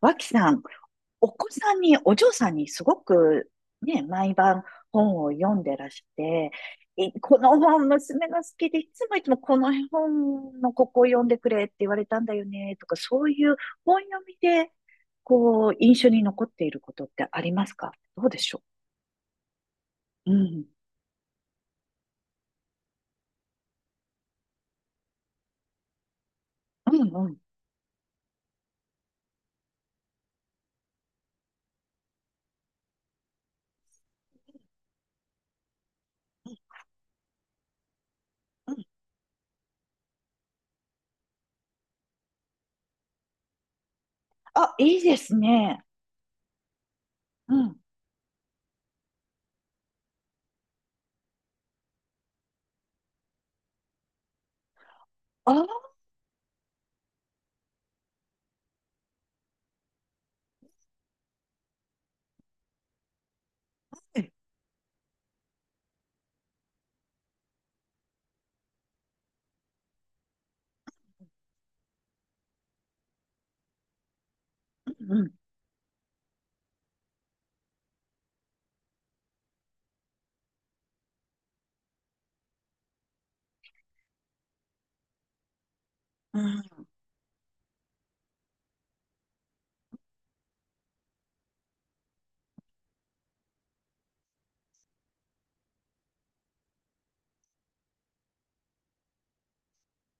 脇さん、お子さんに、お嬢さんにすごくね、毎晩本を読んでらして、この本娘が好きで、いつもこの本のここを読んでくれって言われたんだよね、とか、そういう本読みで、こう、印象に残っていることってありますか、どうでしょう。うん。うんうん。うん。あ、いいですね。うん。あ、はい。うんうん。うん。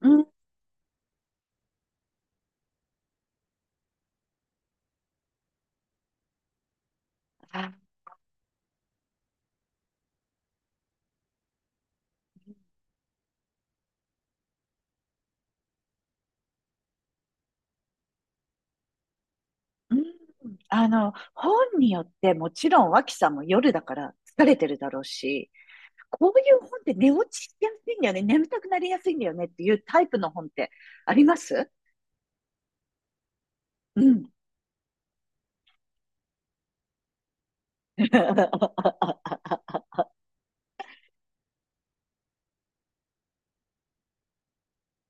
うん。うん、本によってもちろん脇さんも夜だから疲れてるだろうし、こういう本って寝落ちしやすいんだよね、眠たくなりやすいんだよねっていうタイプの本ってあります？うん。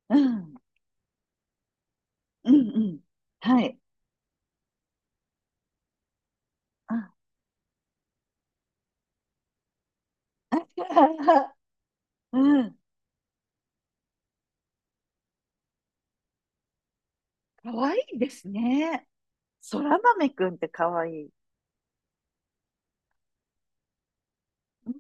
うん。うん。うん。はい。うん。うん。かわいいですね。そら豆くんってかわいい。うん。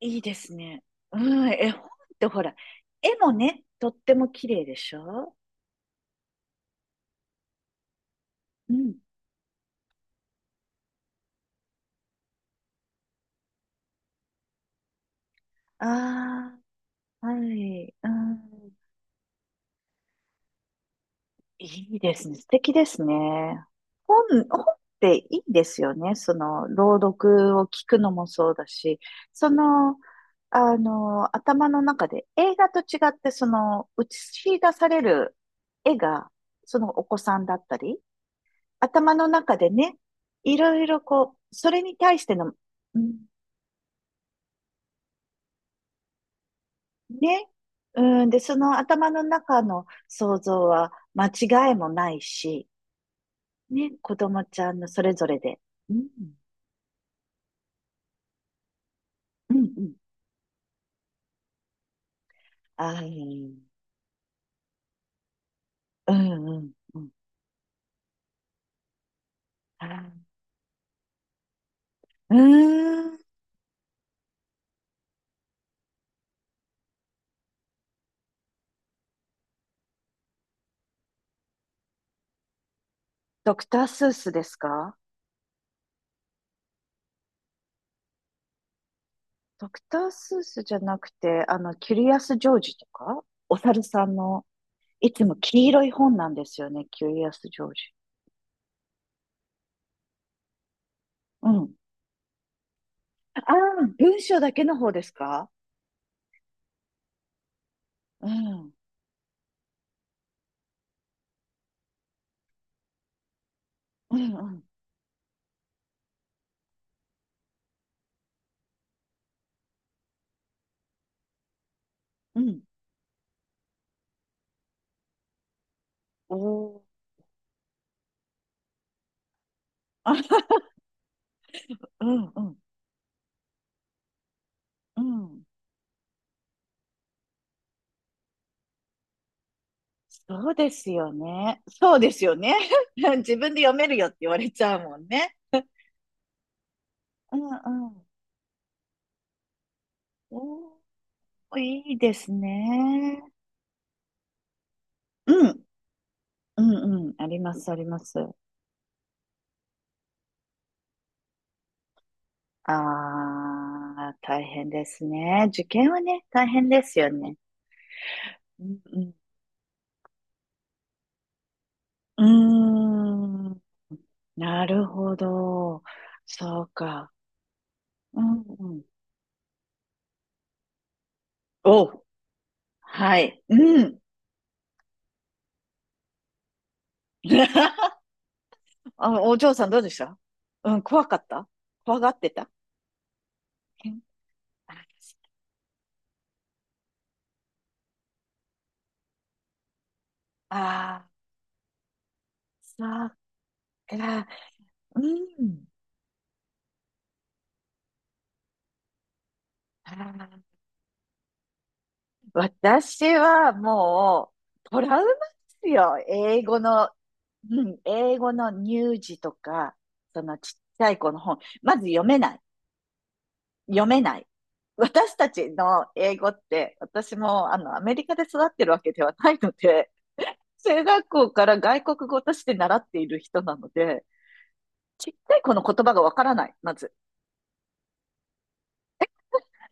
いいですね。うん。絵本ってほら、絵もね、とっても綺麗でしょうん。ああ。はい。うん。いいですね。素敵ですね。本っていいですよね。その、朗読を聞くのもそうだし、その、頭の中で映画と違って、その、映し出される絵が、そのお子さんだったり、頭の中でね、いろいろこう、それに対しての、うん。ね、うん、で、その頭の中の想像は間違いもないし、ね、子供ちゃんのそれぞれで。うん、うん、うん。ああ、うん、うん、うん。あーうーん。ドクタースースですか？ドクタースースじゃなくて、あの、キュリアス・ジョージとか、お猿さんの、いつも黄色い本なんですよね、キュリアス・ジョージ。うん。ああ、文章だけの方ですか？うん、うん、うん、うん。おー、あ、うん、うん、うん。そうですよね。そうですよね。自分で読めるよって言われちゃうもんね。うんうん。おー、いいですね。うん。うんうん。あります、あります。ああ、大変ですね。受験はね、大変ですよね。うんうん。うーん。なるほど。そうか。うんうん。お、はい。うん。あ、お嬢さんどうでした？うん、怖かった？怖がってた？え、私。ああ、そうか。うん。あー、私はもう、トラウマですよ。英語の、うん、英語の乳児とか、そのちっちゃい子の本。まず読めない。読めない。私たちの英語って、私もアメリカで育ってるわけではないので、中学校から外国語として習っている人なので、ちっちゃい子の言葉がわからない、まず。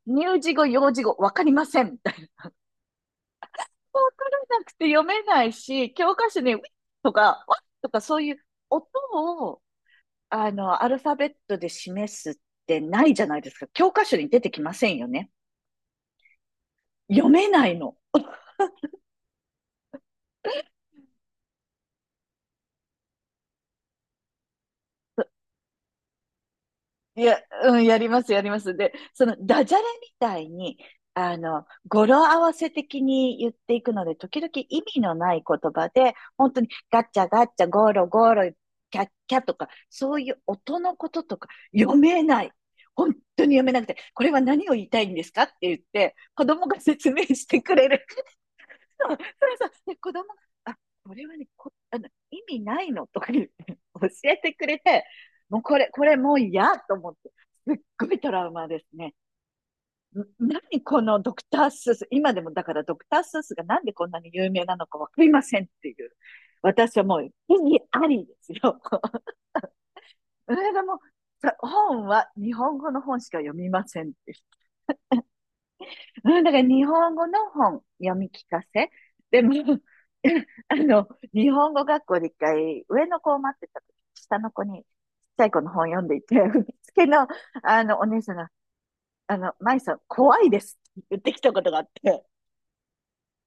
乳児語、幼児語、わかりません、みたいな。わからなくて読めないし、教科書に、ウィッとか、ワッとか、そういう音を、あの、アルファベットで示すってないじゃないですか。教科書に出てきませんよね。読めないの。いや、うん、やります、やります。で、そのダジャレみたいに、あの、語呂合わせ的に言っていくので、時々意味のない言葉で、本当にガッチャガッチャ、ゴロゴロ、キャッキャとか、そういう音のこととか読めない。本当に読めなくて、これは何を言いたいんですかって言って、子供が説明してくれる。そうそうそう、子供が、あ、これはね、あの、意味ないのとか言って 教えてくれて、もうこれもう嫌と思って、すっごいトラウマですね。ん、何このドクタースース、今でもだからドクタースースがなんでこんなに有名なのかわかりませんっていう。私はもう、意義ありですよ。それがもう、本は日本語の本しか読みませんって。うん、だから日本語の本読み聞かせ。でも、あの、日本語学校で一回、上の子を待ってた時、下の子に、ちっちゃい子の本読んでいて、受付の、あの、お姉さんが、あの、舞さん、怖いですって言ってきたことがあって、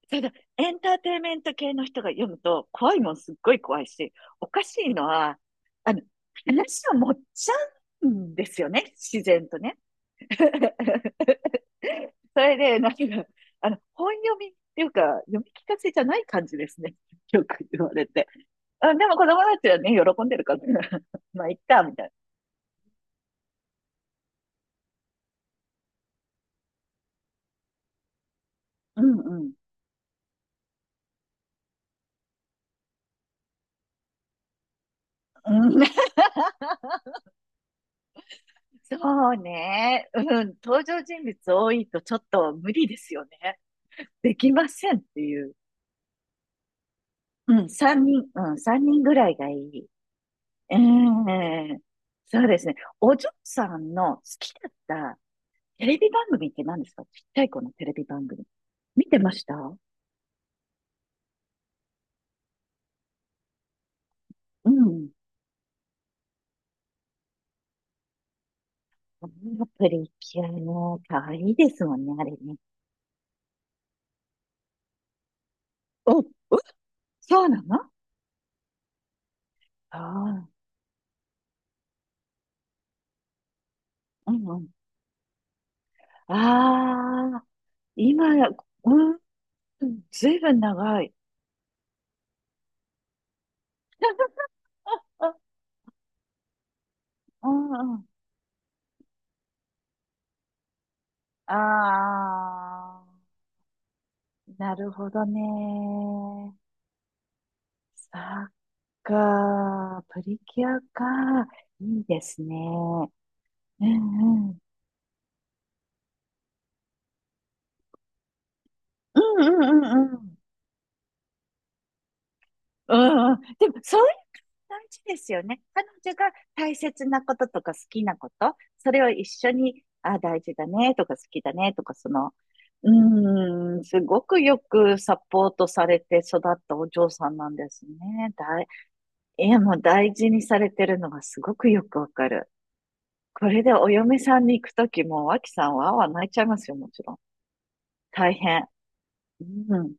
それで、エンターテインメント系の人が読むと、怖いもんすっごい怖いし、おかしいのは、あの、話を持っちゃうんですよね、自然とね。それで、なんか、あの、本読みっていうか、読み聞かせじゃない感じですね。よく言われて。あ、でも子供たちはね、喜んでるから、まあ、いっか、みたいな。うんうん。うん。 そうね。うん。登場人物多いとちょっと無理ですよね。できませんっていう。うん。三人、うん。三人ぐらいがいい。ええ。そうですね。お嬢さんの好きだったテレビ番組って何ですか？ちっちゃい子のテレビ番組。見てました？うん。ア、プリキュアも可愛いですもんね、あれね。お、そうなの？ああー、うんうん。ああ、今や、うん、ずいぶん長い。あ、うんうん。ああ、なるほどね。そっか、ー、プリキュアか。いいですね。うんうん。うんうんうんうん。うんうん、でも、そ、大事ですよね。彼女が大切なこととか好きなこと、それを一緒に、あ、大事だねとか好きだねとか、その、うーん、すごくよくサポートされて育ったお嬢さんなんですね。大、いやもう大事にされてるのがすごくよくわかる。これでお嫁さんに行くときも、脇さんはわ、泣いちゃいますよ、もちろん。大変。うん。